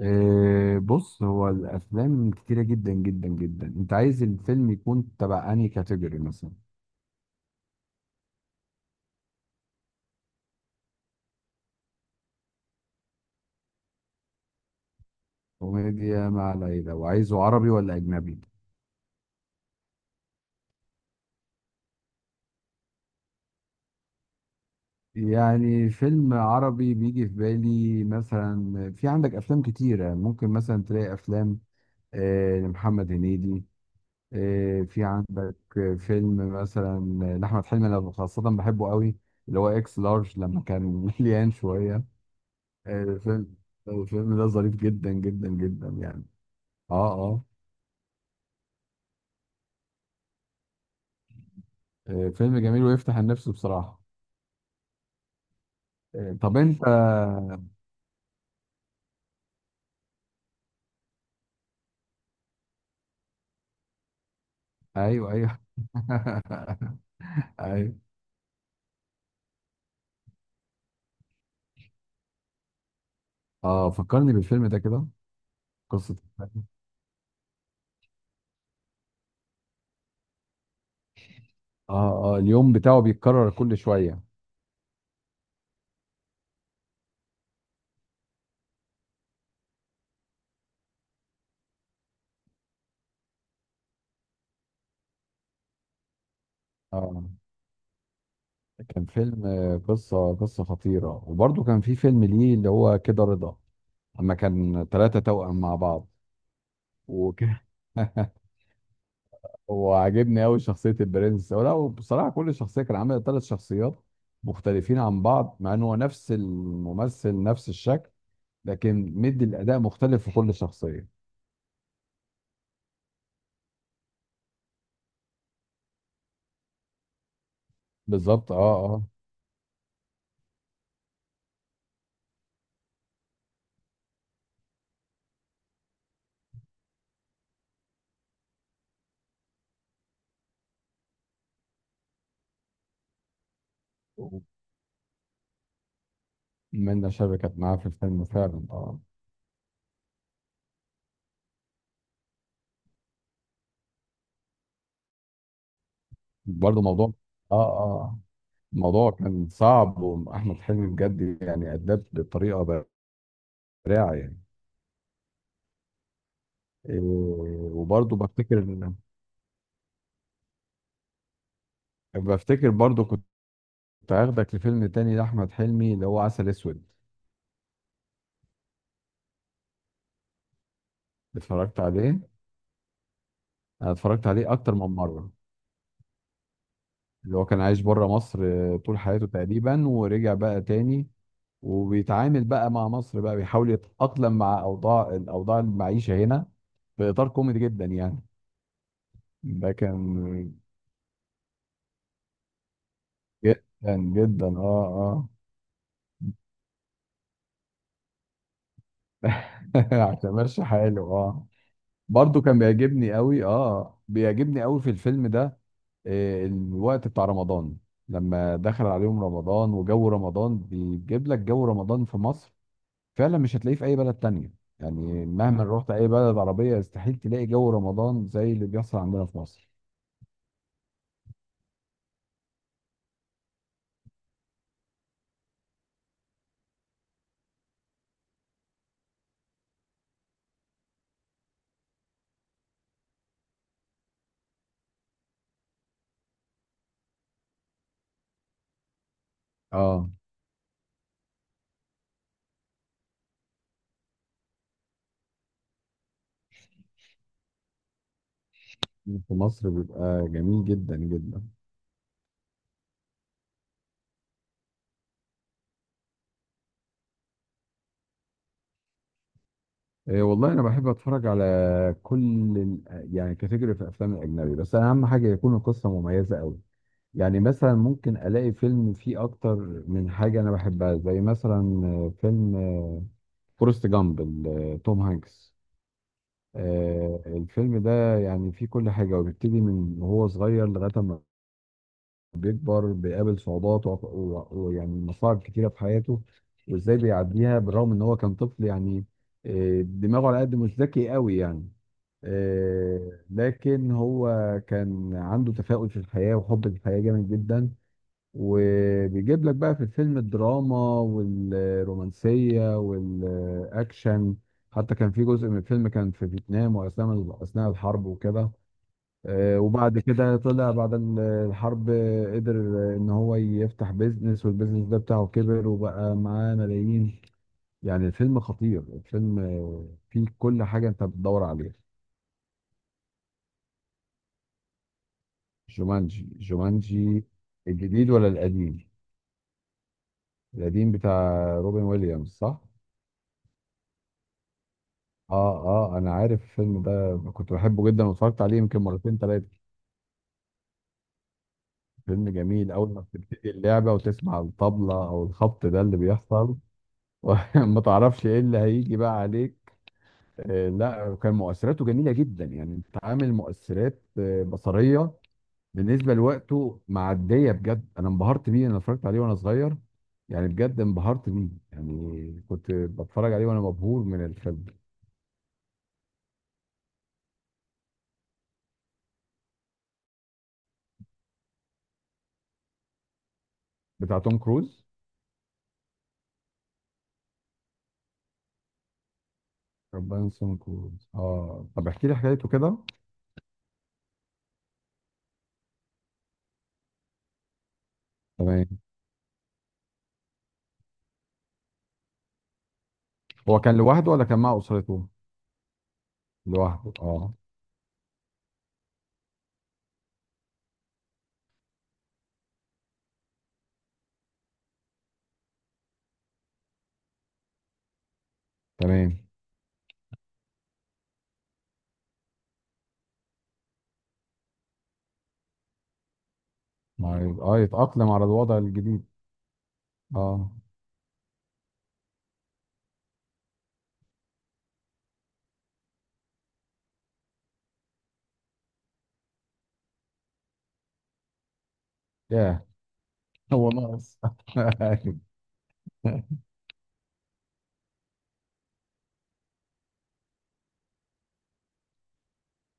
بص، هو الافلام كتيره جدا جدا جدا. انت عايز الفيلم يكون تبع انهي كاتيجوري مثلا؟ كوميديا مع العيله، وعايزه عربي ولا اجنبي؟ يعني فيلم عربي بيجي في بالي، مثلا في عندك افلام كتيره، ممكن مثلا تلاقي افلام لمحمد هنيدي. في عندك فيلم مثلا لاحمد حلمي، انا خاصه بحبه قوي، اللي هو اكس لارج لما كان مليان شويه. فيلم، الفيلم ده ظريف جدا جدا جدا يعني. اه، اه. فيلم جميل ويفتح النفس بصراحة. طب انت. ايوه، ايوه. ايوه. اه، فكرني بالفيلم ده كده. قصة الفيلم. اه، اه، اليوم بتاعه بيتكرر كل شوية. اه، كان فيلم، قصة خطيرة. وبرضه كان في فيلم ليه اللي هو كده رضا، لما كان ثلاثة توأم مع بعض وكده. هو عاجبني قوي شخصيه البرنس، ولا هو بصراحه كل شخصيه كان عامل ثلاث شخصيات مختلفين عن بعض، مع ان هو نفس الممثل نفس الشكل، لكن مدي الاداء مختلف في كل شخصيه. بالظبط. اه، اه. منى شلبي كانت معاه في الفيلم فعلا، اه. برضه موضوع. اه، اه. الموضوع كان صعب، واحمد حلمي بجد يعني اداه بطريقه براعه يعني. إيه، وبرضه بفتكر برضه، كنت هاخدك لفيلم تاني لأحمد حلمي اللي هو عسل أسود. اتفرجت عليه. انا اتفرجت عليه اكتر من مره. اللي هو كان عايش بره مصر طول حياته تقريبا، ورجع بقى تاني، وبيتعامل بقى مع مصر، بقى بيحاول يتأقلم مع الاوضاع المعيشه هنا، في اطار كوميدي جدا يعني. ده كان جدا، جدا، اه. اه، عشان ماشي حاله، اه. برضه كان بيعجبني قوي في الفيلم ده، الوقت بتاع رمضان. لما دخل عليهم رمضان وجو رمضان، بيجيب لك جو رمضان في مصر. فعلا مش هتلاقيه في اي بلد تانية. يعني مهما رحت اي بلد عربية، استحيل تلاقي جو رمضان زي اللي بيحصل عندنا في مصر. اه، في مصر بيبقى جميل جدا جدا. إيه، والله انا بحب اتفرج على كل يعني كاتيجوري في الافلام الاجنبي، بس أنا اهم حاجه يكون القصه مميزه قوي. يعني مثلا ممكن الاقي فيلم فيه اكتر من حاجه انا بحبها، زي مثلا فيلم فورست جامب توم هانكس. الفيلم ده يعني فيه كل حاجة، وبيبتدي من وهو صغير لغاية ما بيكبر، بيقابل صعوبات ويعني مصاعب كتيرة في حياته، وازاي بيعديها بالرغم ان هو كان طفل يعني. دماغه على قد، مش ذكي قوي يعني. لكن هو كان عنده تفاؤل في الحياة وحب الحياة جامد جدا، وبيجيب لك بقى في الفيلم الدراما والرومانسية والأكشن. حتى كان في جزء من الفيلم كان في فيتنام، وأثناء الحرب وكده. وبعد كده طلع بعد الحرب، قدر إن هو يفتح بيزنس، والبيزنس ده بتاعه كبر وبقى معاه ملايين. يعني الفيلم خطير، الفيلم فيه كل حاجة أنت بتدور عليها. جومانجي، جومانجي. الجديد ولا القديم؟ القديم بتاع روبن ويليامز، صح؟ اه، اه، انا عارف الفيلم ده، كنت بحبه جدا واتفرجت عليه يمكن مرتين ثلاثه. فيلم جميل، اول ما بتبتدي اللعبه وتسمع الطبله او الخبط ده اللي بيحصل. وما تعرفش ايه اللي هيجي بقى عليك. آه، لا، كان مؤثراته جميله جدا يعني، انت عامل مؤثرات بصريه. بالنسبه لوقته معديه بجد، انا انبهرت بيه. انا اتفرجت عليه وانا صغير يعني، بجد انبهرت بيه يعني، كنت بتفرج عليه وانا مبهور من الفيلم. بتاع توم كروز. ربان سمكو، اه. طب احكي لي حكايته كده. تمام. هو كان لوحده ولا كان مع اسرته؟ لوحده، اه. تمام. مع... اه يتأقلم على الوضع الجديد. اه. ياه. هو ناقص.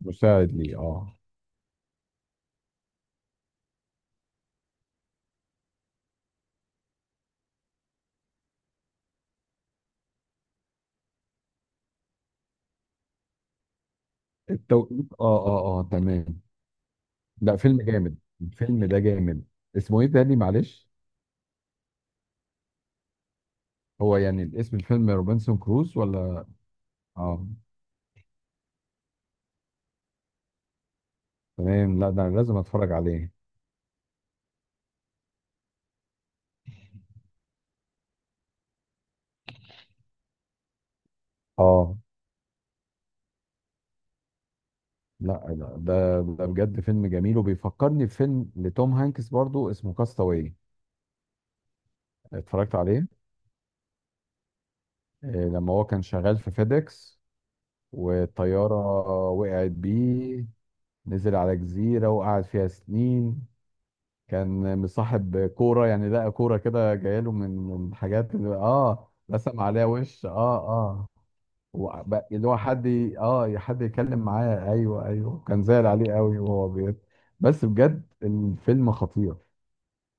مساعد لي، اه. التوقيت، اه، اه، اه. تمام. لا، فيلم جامد، الفيلم ده جامد. اسمه ايه تاني معلش؟ هو يعني الاسم الفيلم روبنسون كروز ولا؟ اه. تمام، لا ده انا لازم اتفرج عليه. اه. لا، لا، ده بجد فيلم جميل، وبيفكرني بفيلم لتوم هانكس برضو اسمه كاستاوي. اتفرجت عليه. لما هو كان شغال في فيديكس، والطيارة وقعت بيه، نزل على جزيرة وقعد فيها سنين. كان مصاحب كورة يعني، لقى كورة كده جايله من حاجات، رسم عليها وش، اه، اه. اللي هو، حد ي- اه حد يتكلم معاه. ايوه، ايوه، كان زعل عليه قوي وهو بيت. بس بجد الفيلم خطير.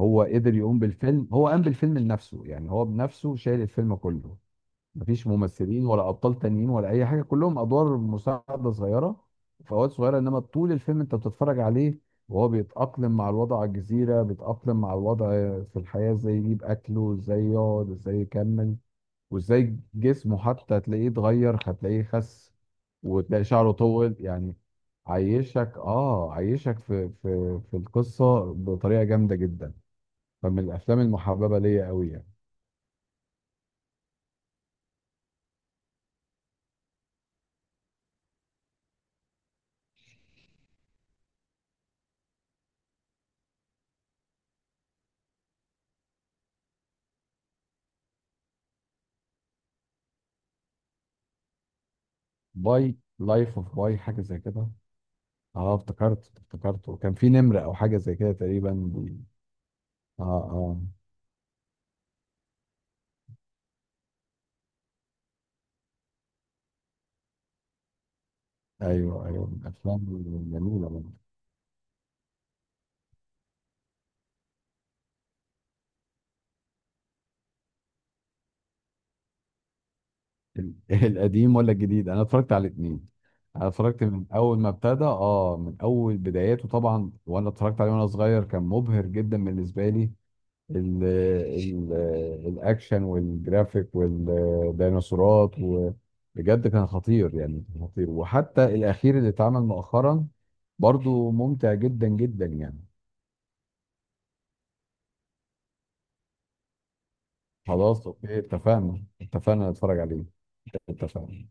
هو قدر يقوم بالفيلم، هو قام بالفيلم لنفسه يعني، هو بنفسه شايل الفيلم كله. مفيش ممثلين ولا ابطال تانيين ولا اي حاجه، كلهم ادوار مساعده صغيره. فوات صغيره، انما طول الفيلم انت بتتفرج عليه، وهو بيتاقلم مع الوضع على الجزيره، بيتاقلم مع الوضع في الحياه، ازاي يجيب اكله، ازاي يقعد، ازاي يكمل. وازاي جسمه حتى هتلاقيه اتغير، هتلاقيه خس، وتلاقي شعره طول يعني. عايشك في في القصه بطريقه جامده جدا. فمن الافلام المحببه ليا قوي يعني. باي لايف اوف باي، حاجه زي كده. اه، افتكرته، كان في نمر او حاجه زي كده تقريبا اه، اه، ايوه، ايوه، من الافلام الجميله برضه. ال- القديم ولا الجديد؟ انا اتفرجت على الاثنين. انا اتفرجت من اول ما ابتدى، من اول بداياته طبعا، وانا اتفرجت عليه وانا صغير، كان مبهر جدا بالنسبه لي. ال ال الاكشن والجرافيك والديناصورات، وبجد كان خطير يعني، كان خطير. وحتى الاخير اللي اتعمل مؤخرا برضو ممتع جدا جدا يعني. خلاص، اوكي، اتفقنا، اتفقنا نتفرج عليه. اتفقنا.